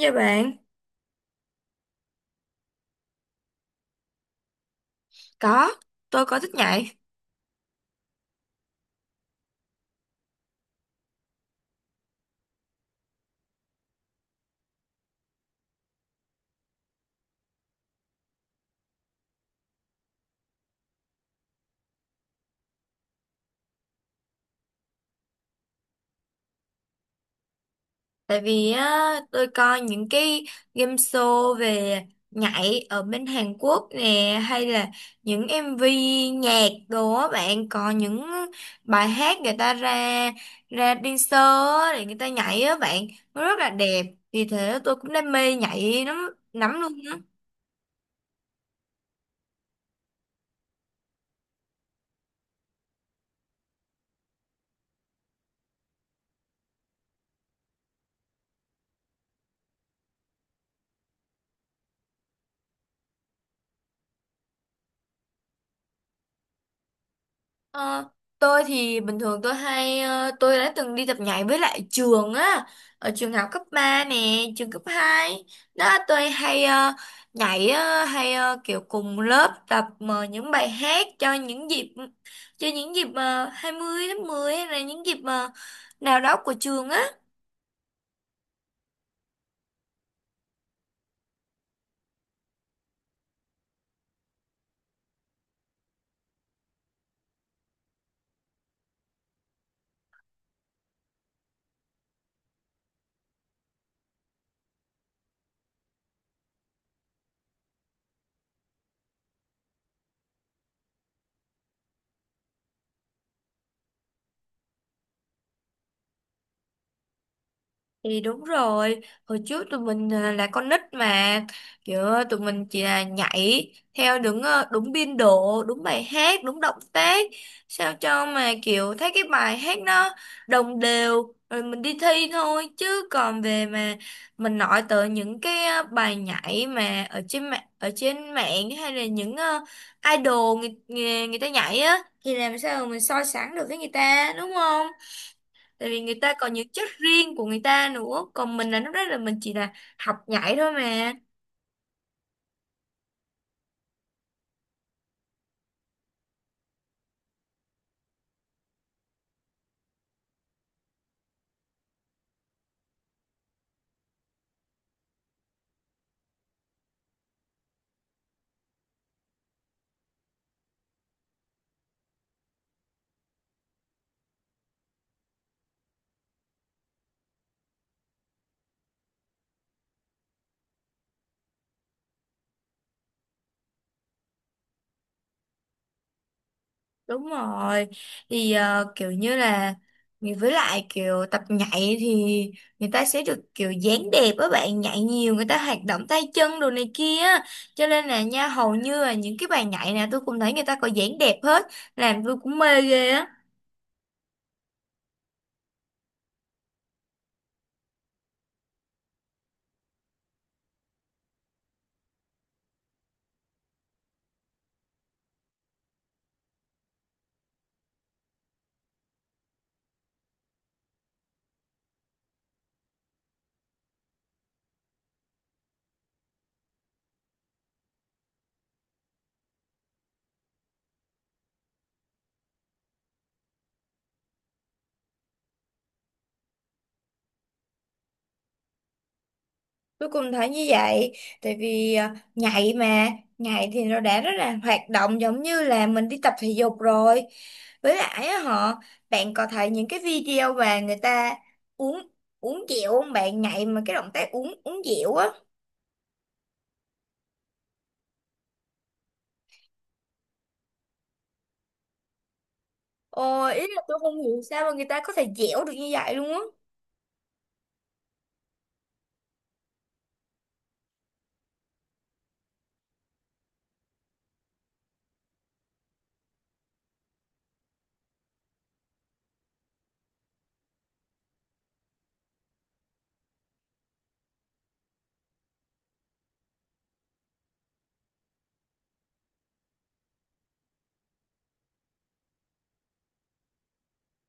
Dạ bạn, có, tôi có thích nhảy. Tại vì tôi coi những cái game show về nhảy ở bên Hàn Quốc nè, hay là những MV nhạc đồ á bạn, có những bài hát người ta ra ra dancer á, để người ta nhảy á bạn, nó rất là đẹp. Vì thế tôi cũng đam mê nhảy lắm, lắm luôn. Ờ, tôi thì bình thường tôi hay tôi đã từng đi tập nhảy với lại trường á, ở trường học cấp 3 nè, trường cấp 2 đó. Tôi hay nhảy, kiểu cùng lớp tập những bài hát cho những dịp 20 tháng 10, hay là những dịp nào đó của trường á. Thì đúng rồi, hồi trước tụi mình là con nít mà, kiểu tụi mình chỉ là nhảy theo đúng đúng biên độ, đúng bài hát, đúng động tác, sao cho mà kiểu thấy cái bài hát nó đồng đều rồi mình đi thi thôi. Chứ còn về mà mình nói tới những cái bài nhảy mà ở trên mạng, hay là những idol người ta nhảy á, thì làm sao mà mình so sánh được với người ta, đúng không? Tại vì người ta có những chất riêng của người ta nữa, còn mình là lúc đó là mình chỉ là học nhảy thôi mà. Đúng rồi. Thì kiểu như là, với lại kiểu tập nhảy thì người ta sẽ được kiểu dáng đẹp á bạn, nhảy nhiều người ta hoạt động tay chân đồ này kia á. Cho nên là nha, hầu như là những cái bài nhảy nào tôi cũng thấy người ta có dáng đẹp hết, làm tôi cũng mê ghê á. Tôi cũng thấy như vậy, tại vì nhảy mà, nhảy thì nó đã rất là hoạt động, giống như là mình đi tập thể dục rồi. Với lại á họ, bạn có thấy những cái video mà người ta uống uống dẻo không bạn, nhảy mà cái động tác uống uống dẻo á. Ồ, ý là tôi không hiểu sao mà người ta có thể dẻo được như vậy luôn á.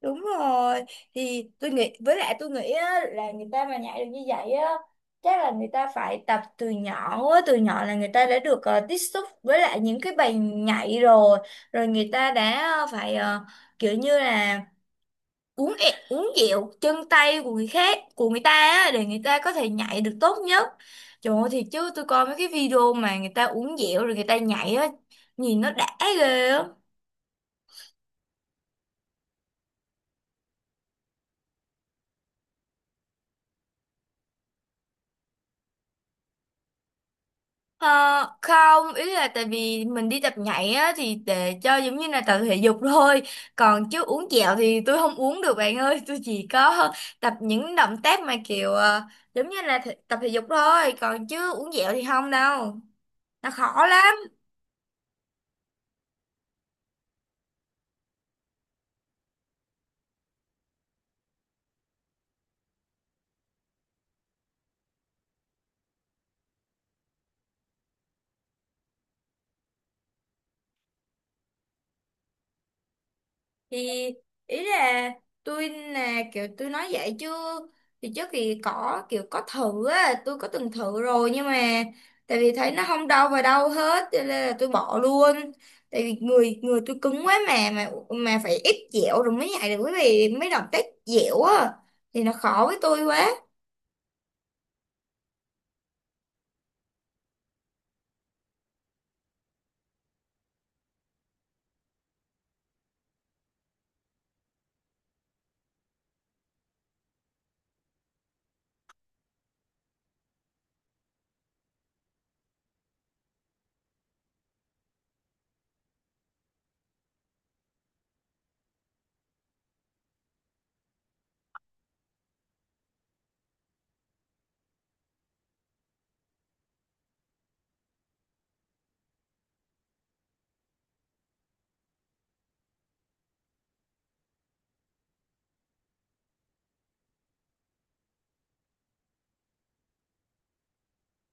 Đúng rồi. Thì tôi nghĩ với lại tôi nghĩ là người ta mà nhảy được như vậy á, chắc là người ta phải tập từ nhỏ, từ nhỏ là người ta đã được tiếp xúc với lại những cái bài nhảy rồi. Rồi người ta đã kiểu như là uống dẹo chân tay của người khác, của người ta á, để người ta có thể nhảy được tốt nhất. Trời ơi, thì chứ tôi coi mấy cái video mà người ta uống dẹo rồi người ta nhảy á, nhìn nó đã ghê á. Ờ, Không, ý là tại vì mình đi tập nhảy á thì để cho giống như là tập thể dục thôi, còn chứ uống kẹo thì tôi không uống được bạn ơi tôi chỉ có tập những động tác mà kiểu giống như là tập thể dục thôi, còn chứ uống kẹo thì không đâu, nó khó lắm. Thì ý là tôi là kiểu tôi nói vậy chứ, thì trước thì có kiểu có thử á, tôi có từng thử rồi, nhưng mà tại vì thấy nó không đau vào đâu hết cho nên là tôi bỏ luôn. Tại vì người người tôi cứng quá mà phải ép dẻo rồi mới nhảy được, quý vị mấy động tác dẻo á thì nó khó với tôi quá.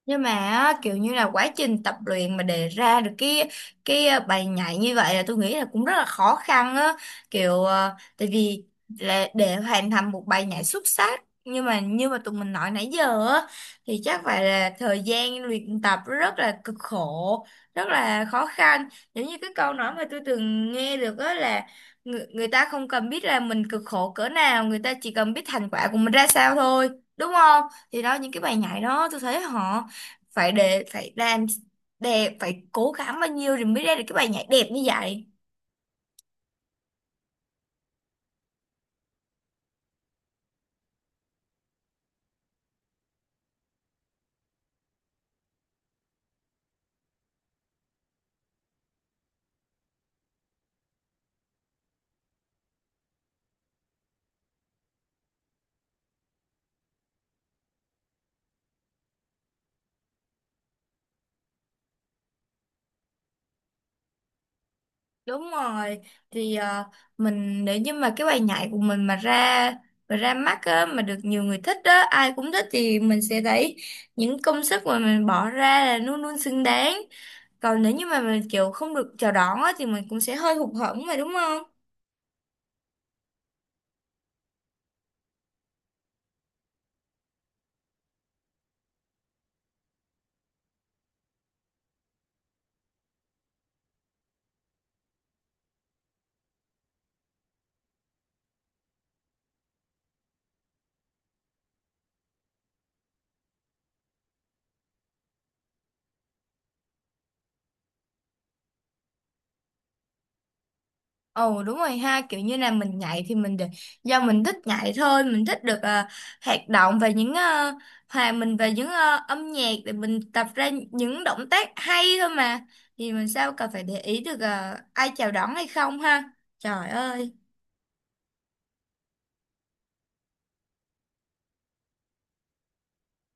Nhưng mà á, kiểu như là quá trình tập luyện mà để ra được cái bài nhảy như vậy là tôi nghĩ là cũng rất là khó khăn á. Kiểu tại vì là để hoàn thành một bài nhảy xuất sắc, nhưng mà như mà tụi mình nói nãy giờ á, thì chắc phải là thời gian luyện tập rất là cực khổ, rất là khó khăn. Giống như cái câu nói mà tôi từng nghe được á là người ta không cần biết là mình cực khổ cỡ nào, người ta chỉ cần biết thành quả của mình ra sao thôi, đúng không? Thì đó, những cái bài nhảy đó tôi thấy họ phải để phải làm đẹp, phải cố gắng bao nhiêu thì mới ra được cái bài nhảy đẹp như vậy. Đúng rồi. Thì mình nếu như mà cái bài nhảy của mình mà ra mắt á, mà được nhiều người thích á, ai cũng thích, thì mình sẽ thấy những công sức mà mình bỏ ra là luôn luôn xứng đáng. Còn nếu như mà mình kiểu không được chào đón á, thì mình cũng sẽ hơi hụt hẫng mà, đúng không? Ồ đúng rồi ha, kiểu như là mình nhảy thì mình được do mình thích nhảy thôi, mình thích được hoạt động và những hòa mình về những âm nhạc để mình tập ra những động tác hay thôi mà. Thì mình sao cần phải để ý được ai chào đón hay không ha. Trời ơi.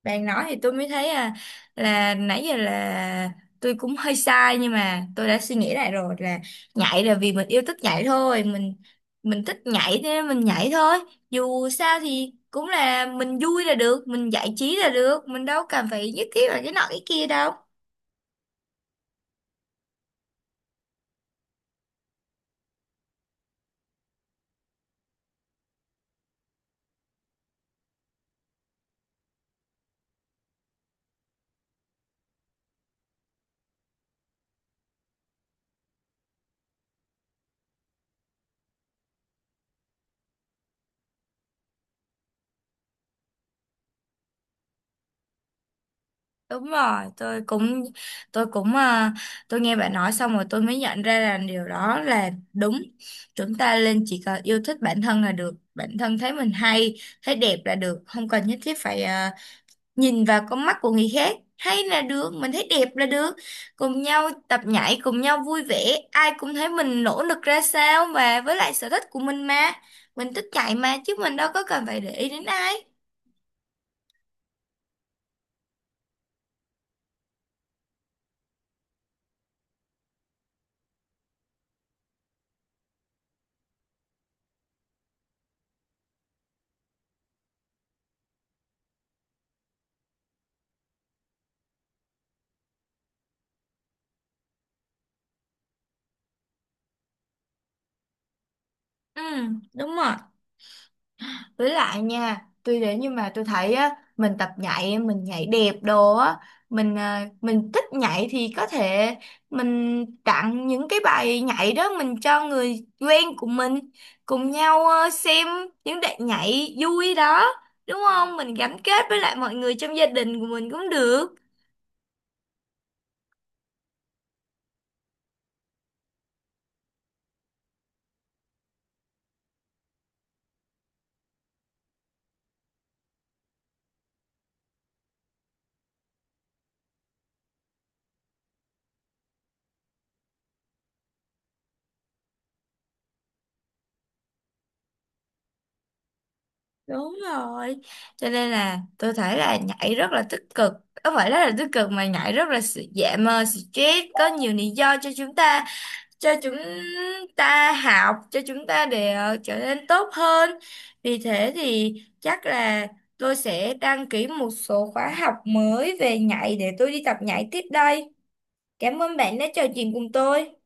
Bạn nói thì tôi mới thấy là nãy giờ là tôi cũng hơi sai, nhưng mà tôi đã suy nghĩ lại rồi là nhảy là vì mình yêu thích nhảy thôi, mình thích nhảy thế nên mình nhảy thôi. Dù sao thì cũng là mình vui là được, mình giải trí là được, mình đâu cần phải nhất thiết là cái nọ cái kia đâu. Đúng rồi, tôi cũng à, tôi nghe bạn nói xong rồi tôi mới nhận ra là điều đó là đúng. Chúng ta nên chỉ cần yêu thích bản thân là được, bản thân thấy mình hay, thấy đẹp là được, không cần nhất thiết phải nhìn vào con mắt của người khác. Hay là được, mình thấy đẹp là được. Cùng nhau tập nhảy, cùng nhau vui vẻ, ai cũng thấy mình nỗ lực ra sao, và với lại sở thích của mình mà. Mình thích chạy mà, chứ mình đâu có cần phải để ý đến ai. Ừ, đúng rồi. Với lại nha, tuy đến nhưng mà tôi thấy á, mình tập nhảy, mình nhảy đẹp đồ á, mình mình thích nhảy thì có thể mình tặng những cái bài nhảy đó mình cho người quen của mình, cùng nhau xem những đoạn nhảy vui đó, đúng không? Mình gắn kết với lại mọi người trong gia đình của mình cũng được. Đúng rồi. Cho nên là tôi thấy là nhảy rất là tích cực. Không phải rất là tích cực mà nhảy rất là giảm stress, có nhiều lý do cho chúng ta học, cho chúng ta để trở nên tốt hơn. Vì thế thì chắc là tôi sẽ đăng ký một số khóa học mới về nhảy để tôi đi tập nhảy tiếp đây. Cảm ơn bạn đã trò chuyện cùng tôi.